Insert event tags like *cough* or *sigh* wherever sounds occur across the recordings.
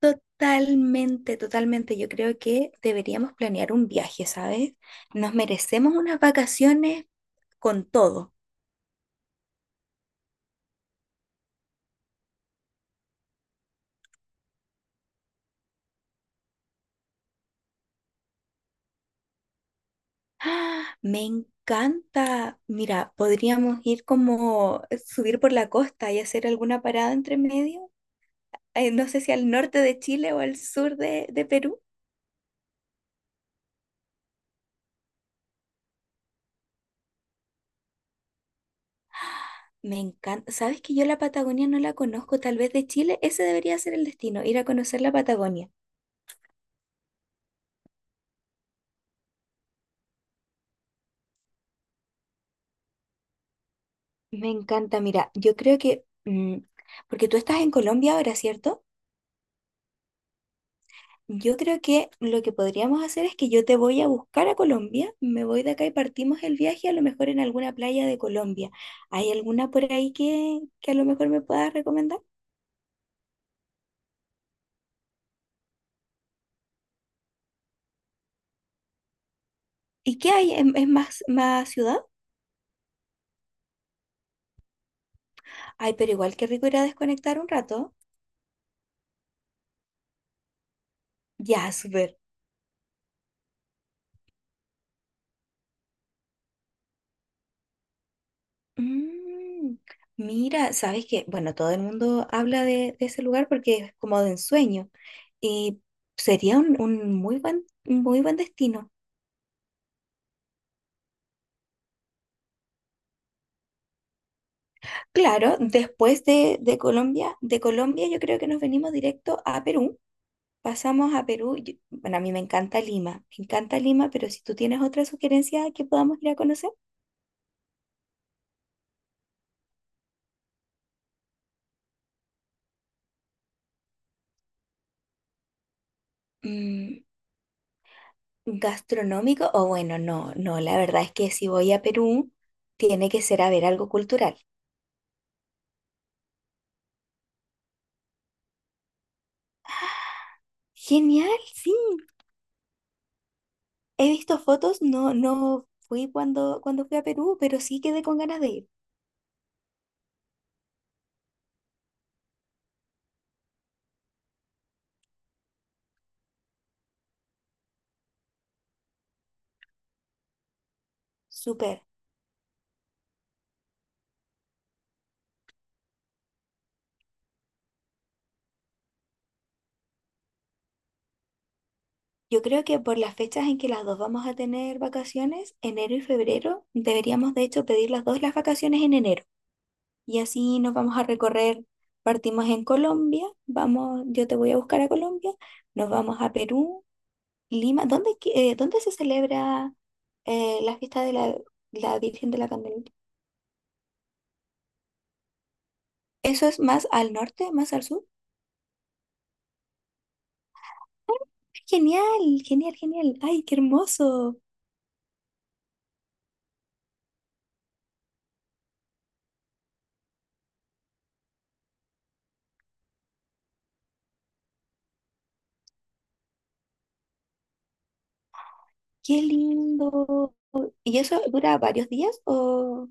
Totalmente, totalmente. Yo creo que deberíamos planear un viaje, ¿sabes? Nos merecemos unas vacaciones con todo. ¡Ah! Me encanta. Mira, podríamos ir como subir por la costa y hacer alguna parada entre medio. Eh, no sé si al norte de Chile o al sur de Perú. Me encanta. ¿Sabes que yo la Patagonia no la conozco? Tal vez de Chile. Ese debería ser el destino, ir a conocer la Patagonia. Me encanta. Mira, yo creo que, porque tú estás en Colombia ahora, ¿cierto? Yo creo que lo que podríamos hacer es que yo te voy a buscar a Colombia, me voy de acá y partimos el viaje a lo mejor en alguna playa de Colombia. ¿Hay alguna por ahí que a lo mejor me puedas recomendar? ¿Y qué hay? ¿Es más, más ciudad? Ay, pero igual qué rico ir a desconectar un rato. Ya, súper. Mm, mira, sabes que, bueno, todo el mundo habla de ese lugar porque es como de ensueño y sería un muy buen, un muy buen destino. Claro, después de Colombia, yo creo que nos venimos directo a Perú. Pasamos a Perú. Bueno, a mí me encanta Lima, pero si tú tienes otra sugerencia que podamos ir a conocer. Mm, gastronómico, o bueno, no, no, la verdad es que si voy a Perú, tiene que ser a ver algo cultural. Genial, sí. He visto fotos, no, no fui cuando fui a Perú, pero sí quedé con ganas de ir. Súper. Yo creo que por las fechas en que las dos vamos a tener vacaciones, enero y febrero, deberíamos de hecho pedir las dos las vacaciones en enero. Y así nos vamos a recorrer, partimos en Colombia, vamos, yo te voy a buscar a Colombia, nos vamos a Perú, Lima. ¿Dónde, dónde se celebra la fiesta de la Virgen de la Candelaria? ¿Eso es más al norte, más al sur? Genial, genial, genial. Ay, qué hermoso, qué lindo. ¿Y eso dura varios días?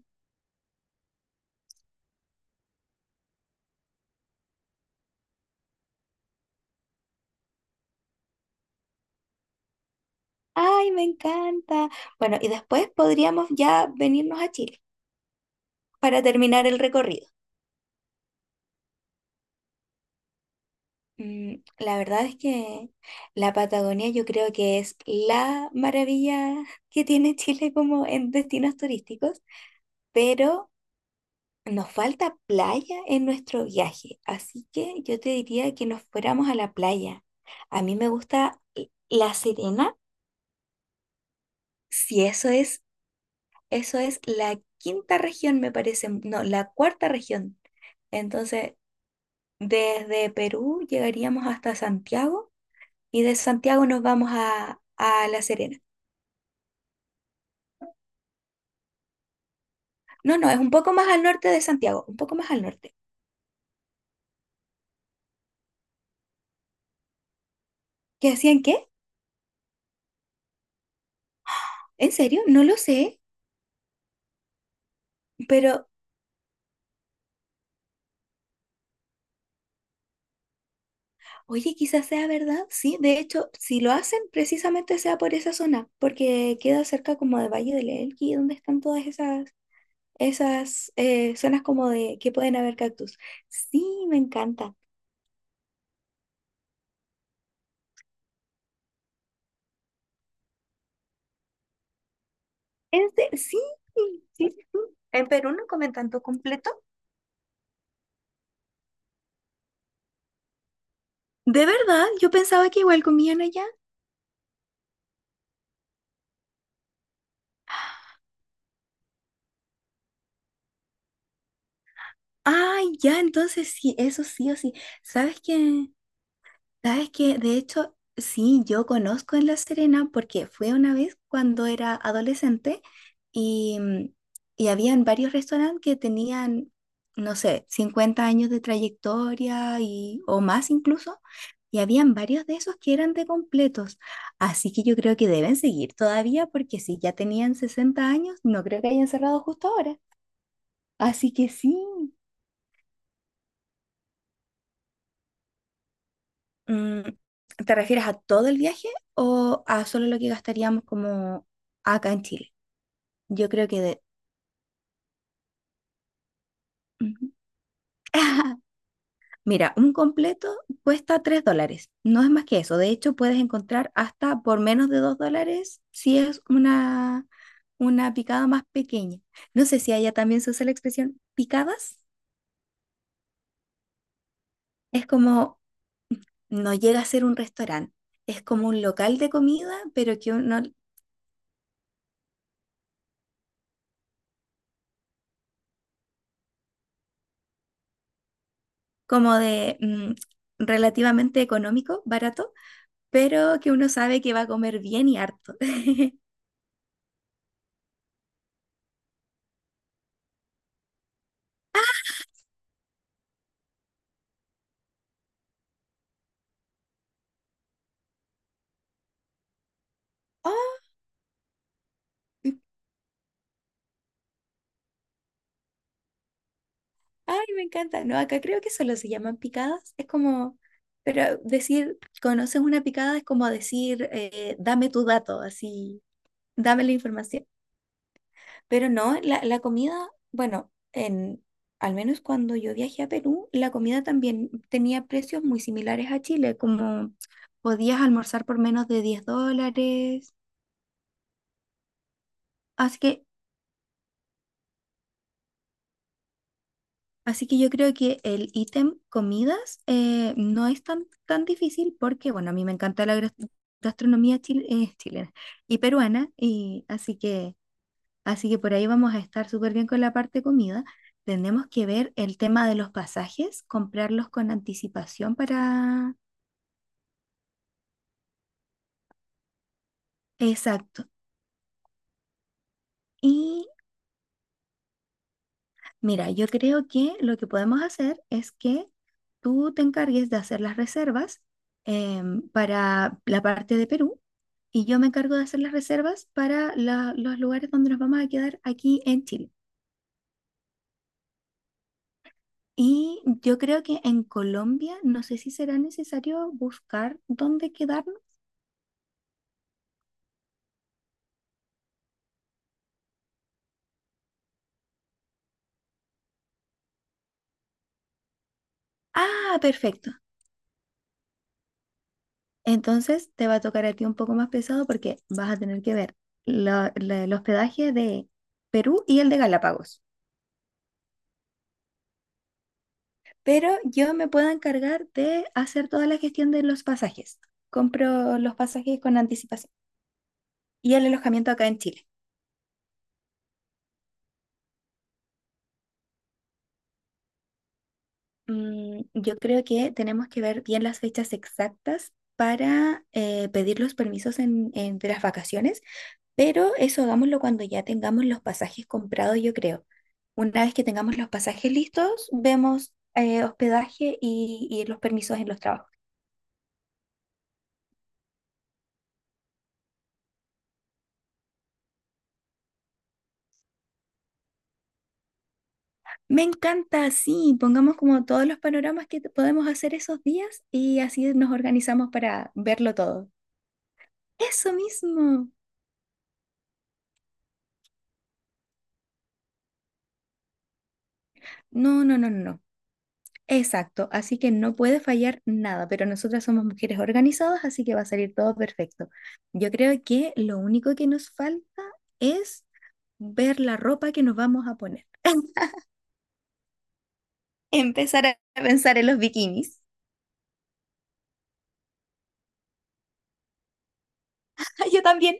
Ay, me encanta. Bueno, y después podríamos ya venirnos a Chile para terminar el recorrido. Mm, la verdad es que la Patagonia yo creo que es la maravilla que tiene Chile como en destinos turísticos, pero nos falta playa en nuestro viaje, así que yo te diría que nos fuéramos a la playa. A mí me gusta La Serena, si eso es, eso es la quinta región, me parece, no, la cuarta región. Entonces, desde Perú llegaríamos hasta Santiago y de Santiago nos vamos a La Serena. No, no, es un poco más al norte de Santiago, un poco más al norte. ¿Qué hacían qué? ¿En serio? No lo sé, pero oye, quizás sea verdad, sí. De hecho, si lo hacen, precisamente sea por esa zona, porque queda cerca como de Valle del Elqui, donde están todas esas zonas como de que pueden haber cactus. Sí, me encanta. Sí, sí, sí. ¿En Perú no comen tanto completo? ¿De verdad? Yo pensaba que igual comían allá. Ay, ya, entonces sí, eso sí o sí. ¿Sabes qué? ¿Sabes qué? De hecho, sí, yo conozco en La Serena porque fui una vez cuando era adolescente y, y habían varios restaurantes que tenían, no sé, 50 años de trayectoria y, o más incluso. Y habían varios de esos que eran de completos. Así que yo creo que deben seguir todavía porque si ya tenían 60 años, no creo que hayan cerrado justo ahora. Así que sí. Mm, ¿te refieres a todo el viaje o a solo lo que gastaríamos como acá en Chile? Yo creo que de... Ujú. *laughs* Mira, un completo cuesta $3. No es más que eso. De hecho, puedes encontrar hasta por menos de $2 si es una picada más pequeña. No sé si allá también se usa la expresión picadas. Es como, no llega a ser un restaurante. Es como un local de comida, pero que uno como de relativamente económico, barato, pero que uno sabe que va a comer bien y harto. *laughs* ¡Oh! Ay, me encanta. No, acá creo que solo se llaman picadas. Es como, pero decir, conoces una picada es como decir, dame tu dato, así, dame la información. Pero no, la comida, bueno, en, al menos cuando yo viajé a Perú, la comida también tenía precios muy similares a Chile, como podías almorzar por menos de $10. Así que, así que yo creo que el ítem comidas no es tan, tan difícil porque, bueno, a mí me encanta la gastronomía chilena y peruana, y así que por ahí vamos a estar súper bien con la parte comida. Tenemos que ver el tema de los pasajes, comprarlos con anticipación para... Exacto. Y mira, yo creo que lo que podemos hacer es que tú te encargues de hacer las reservas para la parte de Perú y yo me encargo de hacer las reservas para los lugares donde nos vamos a quedar aquí en Chile. Y yo creo que en Colombia, no sé si será necesario buscar dónde quedarnos. Ah, perfecto. Entonces te va a tocar a ti un poco más pesado porque vas a tener que ver el hospedaje de Perú y el de Galápagos. Pero yo me puedo encargar de hacer toda la gestión de los pasajes. Compro los pasajes con anticipación y el alojamiento acá en Chile. Mm, yo creo que tenemos que ver bien las fechas exactas para pedir los permisos de las vacaciones, pero eso hagámoslo cuando ya tengamos los pasajes comprados, yo creo. Una vez que tengamos los pasajes listos, vemos hospedaje y los permisos en los trabajos. Me encanta, sí, pongamos como todos los panoramas que podemos hacer esos días y así nos organizamos para verlo todo. Eso mismo. No, no, no, no, no. Exacto, así que no puede fallar nada, pero nosotras somos mujeres organizadas, así que va a salir todo perfecto. Yo creo que lo único que nos falta es ver la ropa que nos vamos a poner. *laughs* Empezar a pensar en los bikinis. *laughs* Yo también.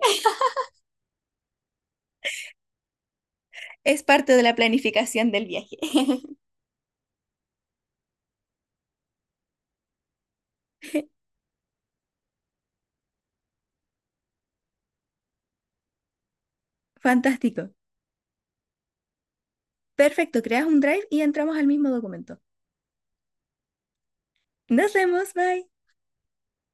Es parte de la planificación del viaje. *laughs* Fantástico. Perfecto, creas un drive y entramos al mismo documento. Nos vemos, bye.